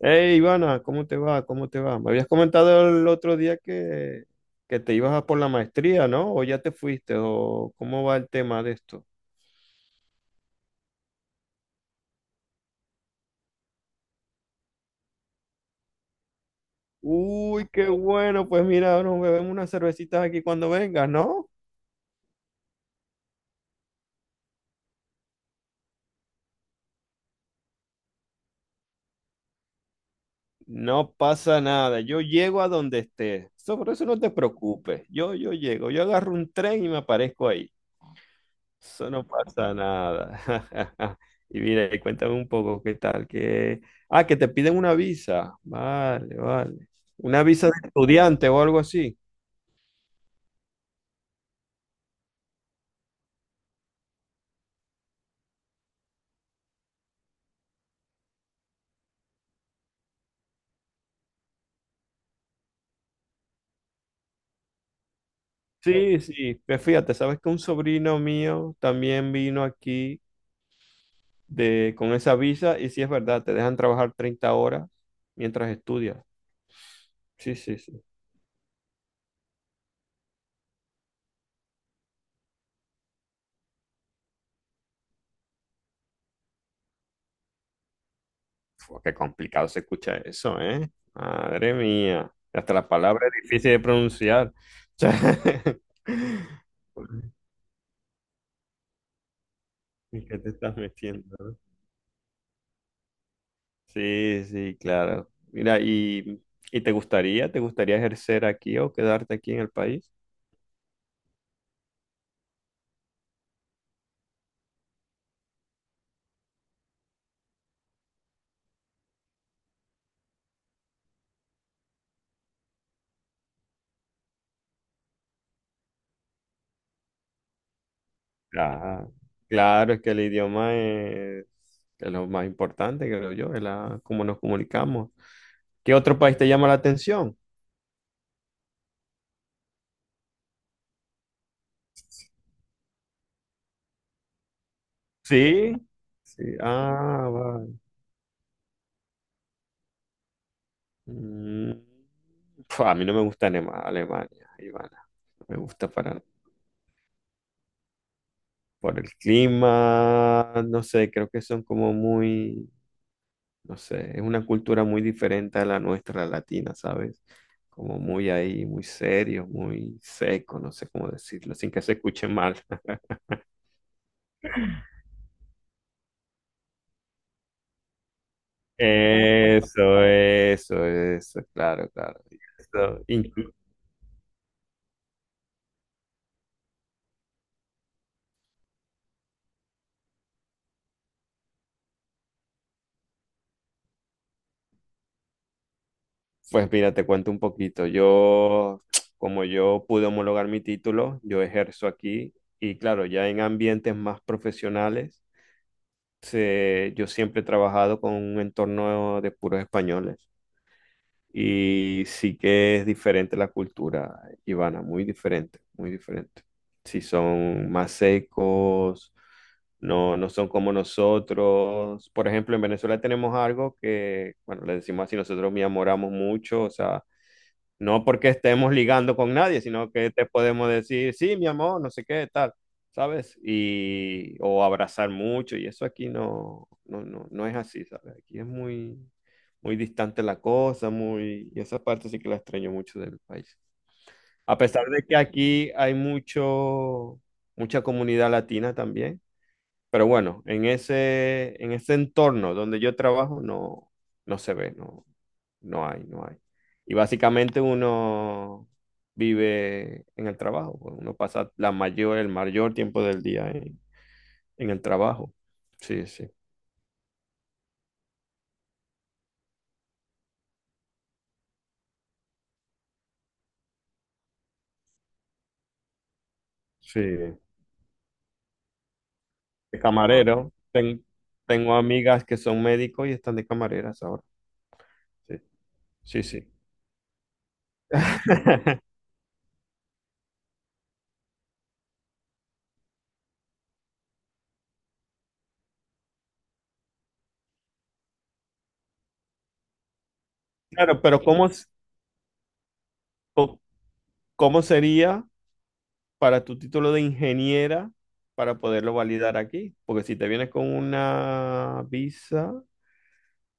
Hey, Ivana, ¿cómo te va? ¿Cómo te va? Me habías comentado el otro día que te ibas a por la maestría, ¿no? ¿O ya te fuiste? ¿O cómo va el tema de esto? Uy, qué bueno. Pues mira, nos bebemos unas cervecitas aquí cuando vengas, ¿no? No pasa nada. Yo llego a donde estés. Sobre eso no te preocupes. Yo llego. Yo agarro un tren y me aparezco ahí. Eso no pasa nada. Y mira, y cuéntame un poco qué tal, que... Ah, que te piden una visa. Vale, vale. Una visa de estudiante o algo así. Sí, sí. Pues fíjate, sabes que un sobrino mío también vino aquí de... con esa visa y sí es verdad, te dejan trabajar 30 horas mientras estudias. Sí, sí, sí. Fua, qué complicado se escucha eso, ¿eh? Madre mía. Hasta la palabra es difícil de pronunciar. O sea, ¿En qué te estás metiendo? ¿No? Sí, sí, claro. Mira, ¿y te gustaría ejercer aquí o quedarte aquí en el país? Ah, claro, es que el idioma es lo más importante, creo yo, es la, cómo nos comunicamos. ¿Qué otro país te llama la atención? Sí. Sí, ah, vale. Mm, pf, a mí no me gusta Alemania, Ivana, no me gusta para. Por el clima, no sé, creo que son como muy... no sé, es una cultura muy diferente a la nuestra latina, ¿sabes? Como muy ahí, muy serio, muy seco, no sé cómo decirlo, sin que se escuche mal. Eso, claro, claro. Eso, pues mira, te cuento un poquito. Yo, como yo pude homologar mi título, yo ejerzo aquí y claro, ya en ambientes más profesionales, yo siempre he trabajado con un entorno de puros españoles. Y sí que es diferente la cultura, Ivana, muy diferente, muy diferente. Si son más secos, no son como nosotros. Por ejemplo, en Venezuela tenemos algo que, bueno, le decimos así, nosotros me enamoramos mucho, o sea, no porque estemos ligando con nadie, sino que te podemos decir, sí, mi amor, no sé qué, tal, ¿sabes? Y, o abrazar mucho, y eso aquí no es así, ¿sabes? Aquí es muy, muy distante la cosa, muy, y esa parte sí que la extraño mucho del país. A pesar de que aquí hay mucho, mucha comunidad latina también, pero bueno, en ese entorno donde yo trabajo no se ve, no hay, no hay. Y básicamente uno vive en el trabajo, pues, uno pasa la mayor, el mayor tiempo del día en el trabajo. Sí, sí, sí. De camarero, tengo amigas que son médicos y están de camareras ahora. Sí, sí, sí. Claro, pero co- cómo sería para tu título de ingeniera para poderlo validar aquí? Porque si te vienes con una visa,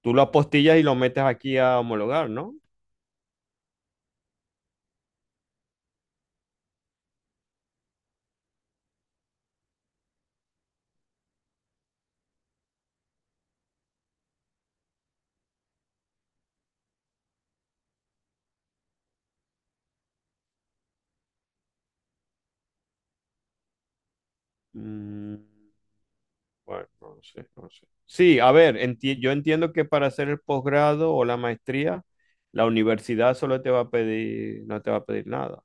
tú lo apostillas y lo metes aquí a homologar, ¿no? Mm, bueno, no sé. Sí, a ver, yo entiendo que para hacer el posgrado o la maestría, la universidad solo te va a pedir, no te va a pedir nada.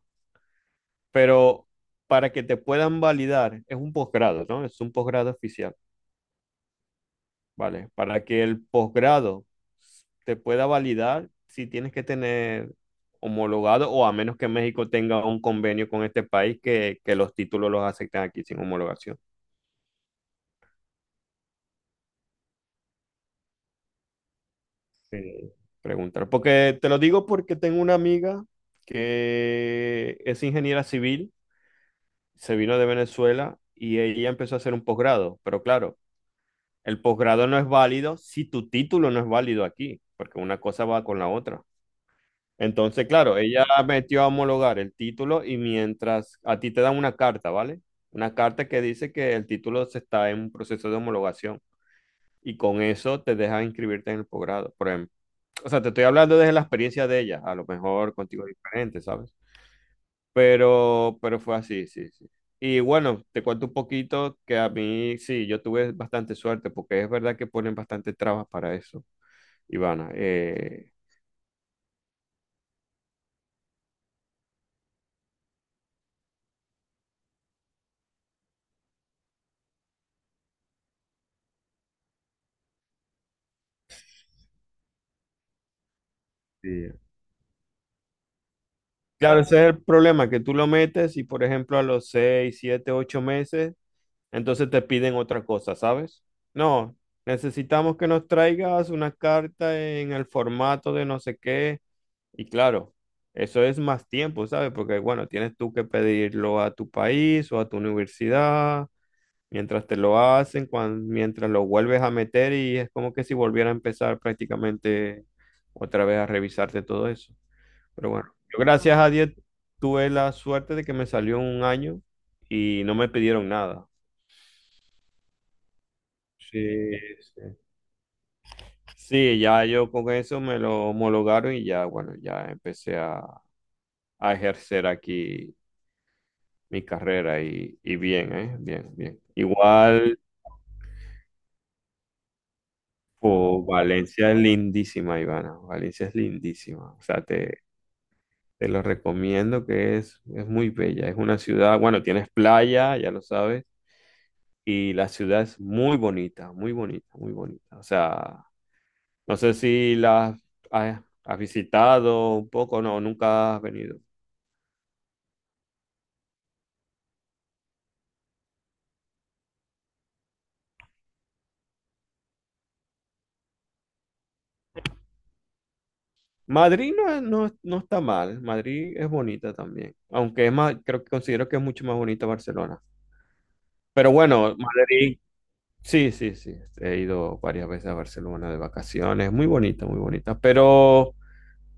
Pero para que te puedan validar, es un posgrado, ¿no? Es un posgrado oficial, ¿vale? Para que el posgrado te pueda validar si tienes que tener homologado, o a menos que México tenga un convenio con este país que los títulos los acepten aquí sin homologación. Eh, preguntar, porque te lo digo porque tengo una amiga que es ingeniera civil, se vino de Venezuela y ella empezó a hacer un posgrado, pero claro, el posgrado no es válido si tu título no es válido aquí, porque una cosa va con la otra. Entonces, claro, ella metió a homologar el título y mientras a ti te dan una carta, ¿vale? Una carta que dice que el título se está en un proceso de homologación y con eso te deja inscribirte en el posgrado, por ejemplo. O sea, te estoy hablando desde la experiencia de ella, a lo mejor contigo es diferente, ¿sabes? Pero fue así, sí, sí. Y bueno, te cuento un poquito que a mí sí, yo tuve bastante suerte porque es verdad que ponen bastante trabas para eso, Ivana. Sí. Claro, ese es el problema, que tú lo metes y, por ejemplo, a los 6, 7, 8 meses, entonces te piden otra cosa, ¿sabes? No, necesitamos que nos traigas una carta en el formato de no sé qué. Y claro, eso es más tiempo, ¿sabes? Porque, bueno, tienes tú que pedirlo a tu país o a tu universidad, mientras te lo hacen, mientras lo vuelves a meter y es como que si volviera a empezar prácticamente otra vez a revisarte todo eso. Pero bueno, yo gracias a Dios tuve la suerte de que me salió en 1 año y no me pidieron nada. Sí, sí. Sí, ya yo con eso me lo homologaron y ya, bueno, ya empecé a ejercer aquí mi carrera y bien, ¿eh? Bien, bien. Igual, po, Valencia es lindísima, Ivana. Valencia es lindísima. O sea, te lo recomiendo que es muy bella. Es una ciudad, bueno, tienes playa, ya lo sabes. Y la ciudad es muy bonita, muy bonita, muy bonita. O sea, no sé si la has visitado un poco, no, nunca has venido. Madrid no, no, no está mal, Madrid es bonita también, aunque es más, creo que considero que es mucho más bonita Barcelona. Pero bueno, Madrid, sí, sí, sí, he ido varias veces a Barcelona de vacaciones, muy bonita, muy bonita. Pero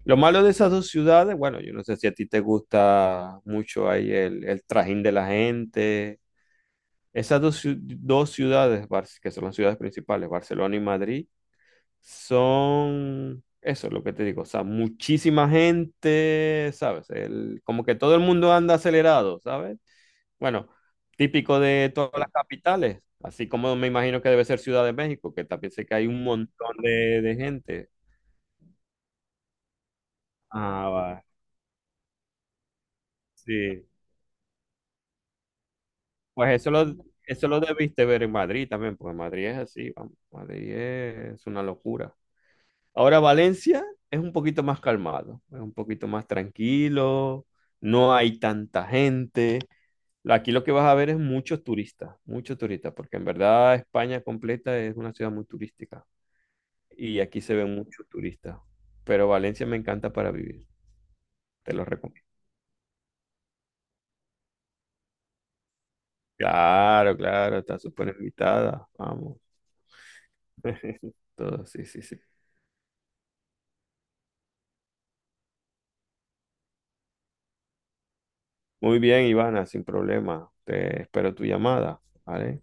lo malo de esas dos ciudades, bueno, yo no sé si a ti te gusta mucho ahí el trajín de la gente. Esas dos ciudades, que son las ciudades principales, Barcelona y Madrid, son, eso es lo que te digo, o sea, muchísima gente, ¿sabes? Como que todo el mundo anda acelerado, ¿sabes? Bueno, típico de todas las capitales, así como me imagino que debe ser Ciudad de México, que también sé que hay un montón de gente. Ah, va, sí. Pues eso lo debiste ver en Madrid también, porque Madrid es así, vamos, Madrid es una locura. Ahora Valencia es un poquito más calmado, es un poquito más tranquilo, no hay tanta gente. Aquí lo que vas a ver es muchos turistas, porque en verdad España completa es una ciudad muy turística y aquí se ven muchos turistas. Pero Valencia me encanta para vivir, te lo recomiendo. Claro, claro, está súper invitada, vamos. Todo, sí, sí, sí. Muy bien, Ivana, sin problema. Te espero tu llamada, ¿vale?